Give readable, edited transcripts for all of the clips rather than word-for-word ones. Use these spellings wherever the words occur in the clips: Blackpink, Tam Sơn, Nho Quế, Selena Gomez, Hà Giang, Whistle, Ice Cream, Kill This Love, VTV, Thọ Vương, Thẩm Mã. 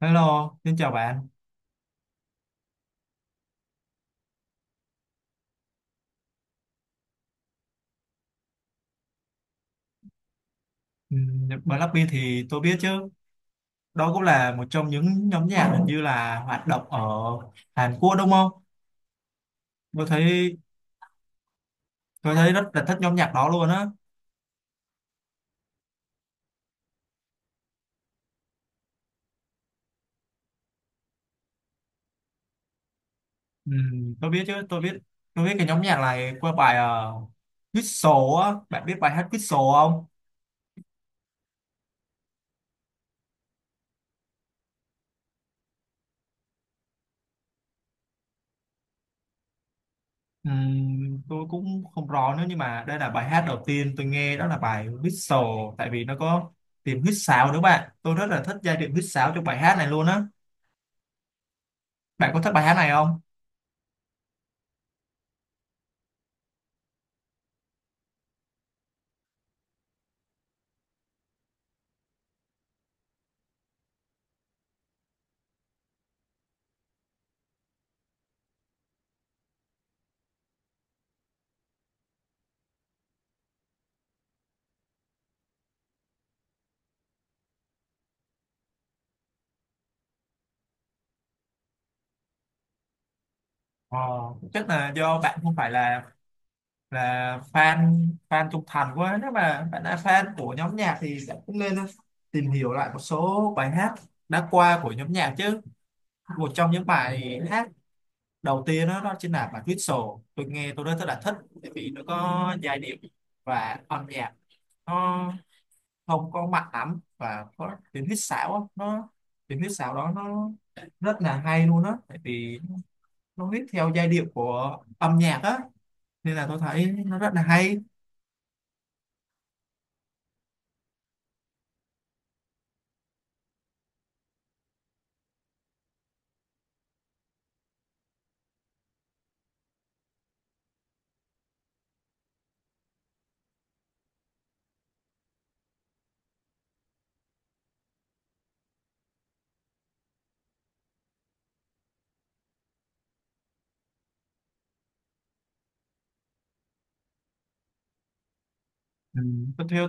Hello, xin chào bạn. Blackpink thì tôi biết chứ. Đó cũng là một trong những nhóm nhạc hình như là hoạt động ở Hàn Quốc đúng không? Tôi thấy tôi thấy rất là thích nhóm nhạc đó luôn á. Tôi biết chứ, tôi biết cái nhóm nhạc này qua bài uh, Whistle á. Bạn biết bài hát Whistle không? Tôi cũng không rõ nữa, nhưng mà đây là bài hát đầu tiên tôi nghe, đó là bài Whistle, tại vì nó có tiếng huýt sáo nữa bạn. Tôi rất là thích giai điệu huýt sáo trong bài hát này luôn á. Bạn có thích bài hát này không? Ờ, Chắc là do bạn không phải là fan fan trung thành quá. Nếu mà bạn là fan của nhóm nhạc thì bạn cũng nên tìm hiểu lại một số bài hát đã qua của nhóm nhạc chứ. Một trong những bài hát đầu tiên đó, đó chính là bài Whistle, tôi nghe tôi rất là thích bởi vì nó có giai điệu và âm nhạc, nó không có mạnh lắm và có tiếng huýt sáo á, tiếng huýt sáo đó nó rất là hay luôn á, tại vì nó viết theo giai điệu của âm nhạc á, nên là tôi thấy nó rất là hay. Ừ. tôi, theo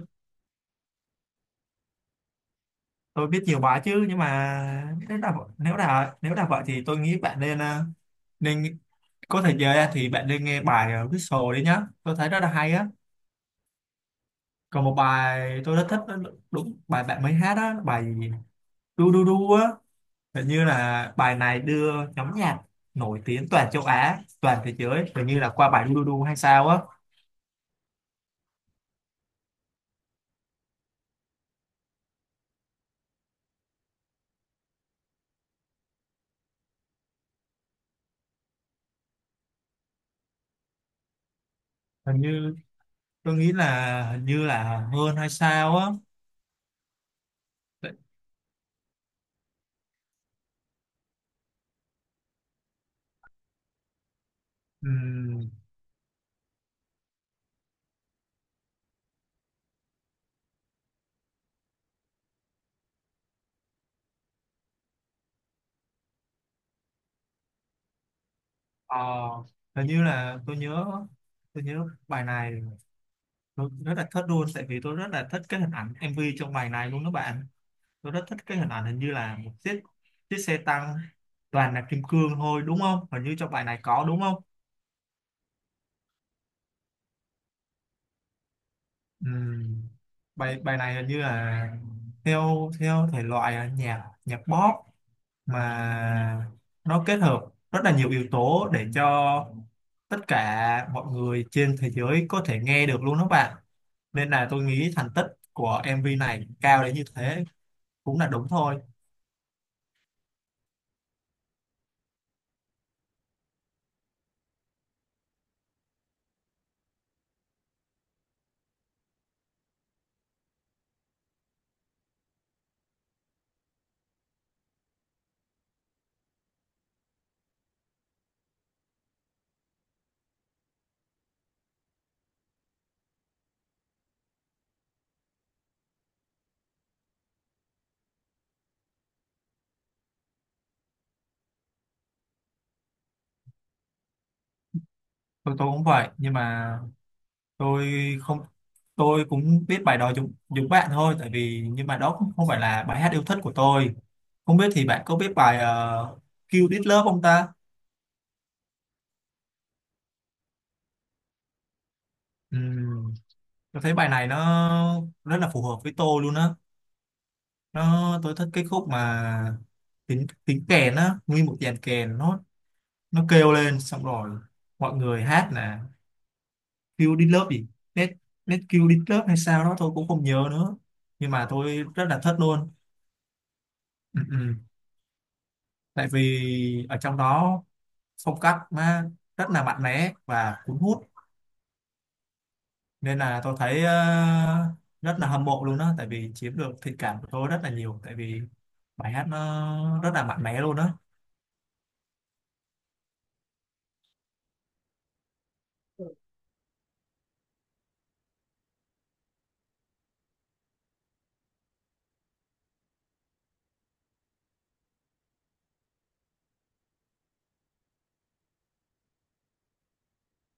tôi biết nhiều bài chứ, nhưng mà nếu là vậy thì tôi nghĩ bạn nên nên có thể giờ thì bạn nên nghe bài Whistle đi nhá, tôi thấy rất là hay á. Còn một bài tôi rất thích đó, đúng bài bạn mới hát á, bài gì? Du du du á, hình như là bài này đưa nhóm nhạc nổi tiếng toàn châu Á, toàn thế giới, hình như là qua bài du du du hay sao á. Hình như tôi nghĩ là hình như là hơn hay sao á. Ừ. Ờ, Hình như là tôi nhớ bài này tôi rất là thích luôn, tại vì tôi rất là thích cái hình ảnh MV trong bài này luôn các bạn. Tôi rất thích cái hình ảnh, hình như là một chiếc chiếc xe tăng toàn là kim cương thôi đúng không, hình như trong bài này có đúng không? Ừm, bài bài này hình như là theo theo thể loại là nhạc nhạc pop, mà nó kết hợp rất là nhiều yếu tố để cho tất cả mọi người trên thế giới có thể nghe được luôn đó bạn, nên là tôi nghĩ thành tích của MV này cao đến như thế cũng là đúng thôi. Tôi cũng vậy, nhưng mà tôi không, tôi cũng biết bài đó giống giống bạn thôi, tại vì nhưng mà đó cũng không phải là bài hát yêu thích của tôi. Không biết thì bạn có biết bài uh, Kill This Love không ta? Ừm, tôi thấy bài này nó rất là phù hợp với tôi luôn á, nó tôi thích cái khúc mà tiếng tiếng kèn á, nguyên một dàn kèn nó kêu lên xong rồi mọi người hát nè. Q đít lớp gì, net net Q đít lớp hay sao đó tôi cũng không nhớ nữa, nhưng mà tôi rất là thích luôn. Ừ, ừ. Tại vì ở trong đó phong cách nó rất là mạnh mẽ và cuốn hút, nên là tôi thấy rất là hâm mộ luôn đó, tại vì chiếm được thiện cảm của tôi rất là nhiều, tại vì bài hát nó rất là mạnh mẽ luôn đó.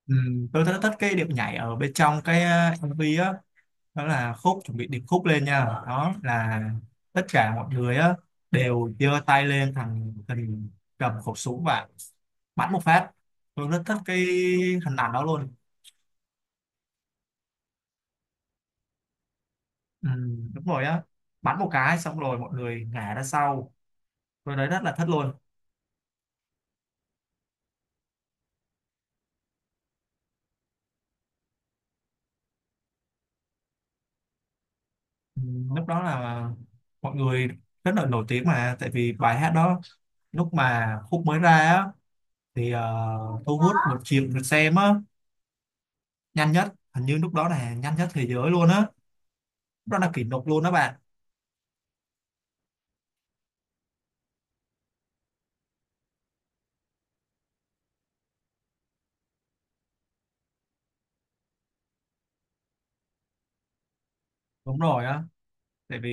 Ừ, tôi rất thích cái điệu nhảy ở bên trong cái MV á. Đó là khúc chuẩn bị điệp khúc lên nha, đó là tất cả mọi người á đều giơ tay lên thằng hình, cầm khẩu súng và bắn một phát, tôi rất thích cái hình ảnh đó luôn. Ừ, đúng rồi á, bắn một cái xong rồi mọi người ngã ra sau, tôi thấy rất là thích luôn. Ừ, lúc đó là mọi người rất là nổi tiếng mà, tại vì bài hát đó lúc mà khúc mới ra á thì thu hút 1 triệu lượt xem á nhanh nhất, hình như lúc đó là nhanh nhất thế giới luôn á. Nó là kỷ lục luôn đó bạn. Đúng rồi á. Tại vì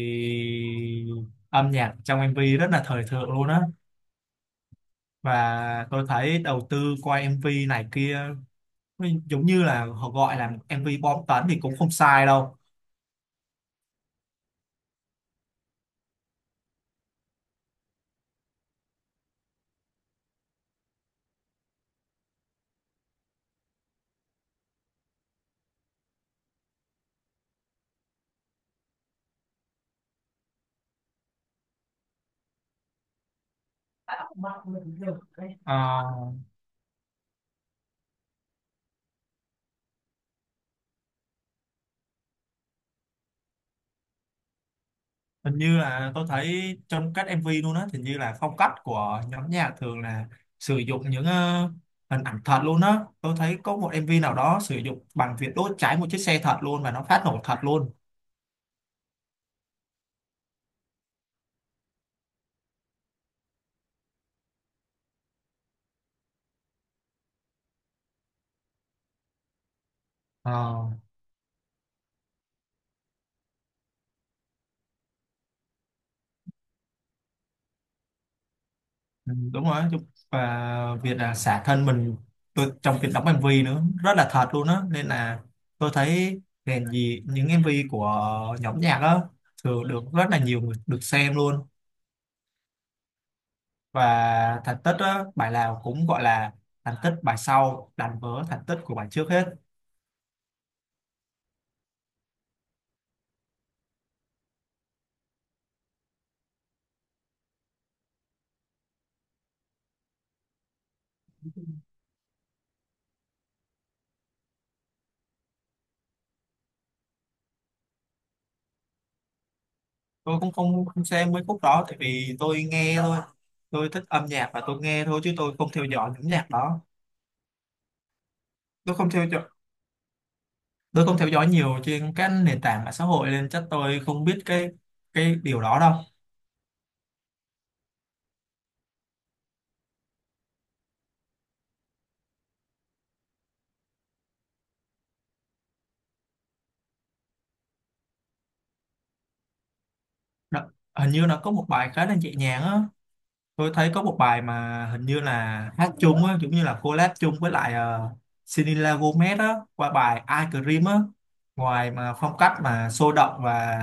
âm nhạc trong MV rất là thời thượng luôn á. Và tôi thấy đầu tư qua MV này kia, giống như là họ gọi là MV bom tấn thì cũng không sai đâu. Ờ, Hình như là tôi thấy trong các MV luôn á, hình như là phong cách của nhóm nhạc thường là sử dụng những hình ảnh thật luôn á. Tôi thấy có một MV nào đó sử dụng bằng việc đốt cháy một chiếc xe thật luôn, và nó phát nổ thật luôn. Ờ. Ừ, đúng rồi chứ, và việc là xả thân mình tôi, trong việc đóng MV nữa rất là thật luôn á, nên là tôi thấy nền gì những MV của nhóm nhạc á thường được rất là nhiều người được xem luôn, và thành tích á bài nào cũng gọi là thành tích bài sau đánh vỡ thành tích của bài trước hết. Tôi cũng không không xem mấy khúc đó, tại vì tôi nghe thôi, tôi thích âm nhạc và tôi nghe thôi chứ tôi không theo dõi nhóm nhạc đó. tôi không theo dõi tôi không theo dõi nhiều trên các nền tảng mạng xã hội, nên chắc tôi không biết cái điều đó đâu. Đó, hình như nó có một bài khá là nhẹ nhàng á, tôi thấy có một bài mà hình như là hát chung á, giống như là collab chung với lại uh, Selena Gomez á, qua bài Ice Cream á. Ngoài mà phong cách mà sôi động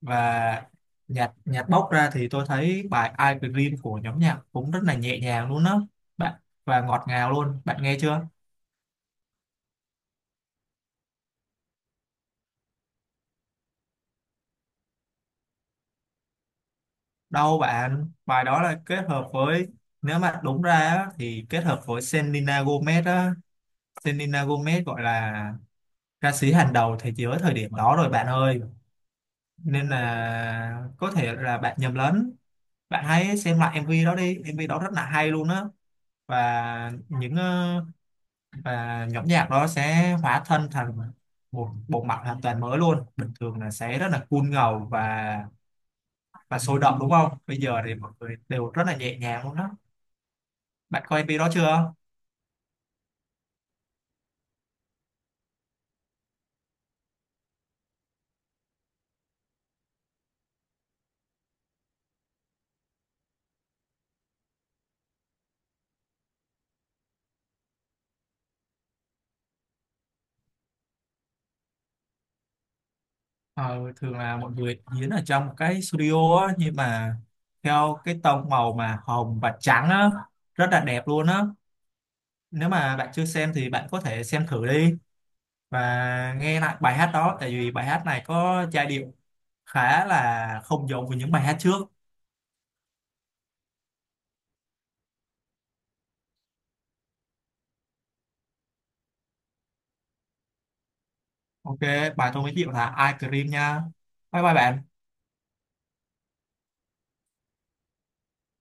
và nhạc nhạc bốc ra thì tôi thấy bài Ice Cream của nhóm nhạc cũng rất là nhẹ nhàng luôn á bạn, và ngọt ngào luôn, bạn nghe chưa? Đâu bạn, bài đó là kết hợp với, nếu mà đúng ra á, thì kết hợp với Selena Gomez á, Selena Gomez gọi là ca sĩ hàng đầu thế giới thời điểm đó rồi bạn ơi. Nên là có thể là bạn nhầm lẫn. Bạn hãy xem lại MV đó đi, MV đó rất là hay luôn á. Và những và nhóm nhạc đó sẽ hóa thân thành một bộ mặt hoàn toàn mới luôn. Bình thường là sẽ rất là cool ngầu và sôi động đúng không? Bây giờ thì mọi người đều rất là nhẹ nhàng luôn đó. Bạn coi MV đó chưa? Ờ, Thường là mọi người diễn ở trong một cái studio á, nhưng mà theo cái tông màu mà hồng và trắng á, rất là đẹp luôn á. Nếu mà bạn chưa xem thì bạn có thể xem thử đi và nghe lại bài hát đó, tại vì bài hát này có giai điệu khá là không giống với những bài hát trước. Ok, bài tôi giới thiệu là I cream nha. Bye bye bạn.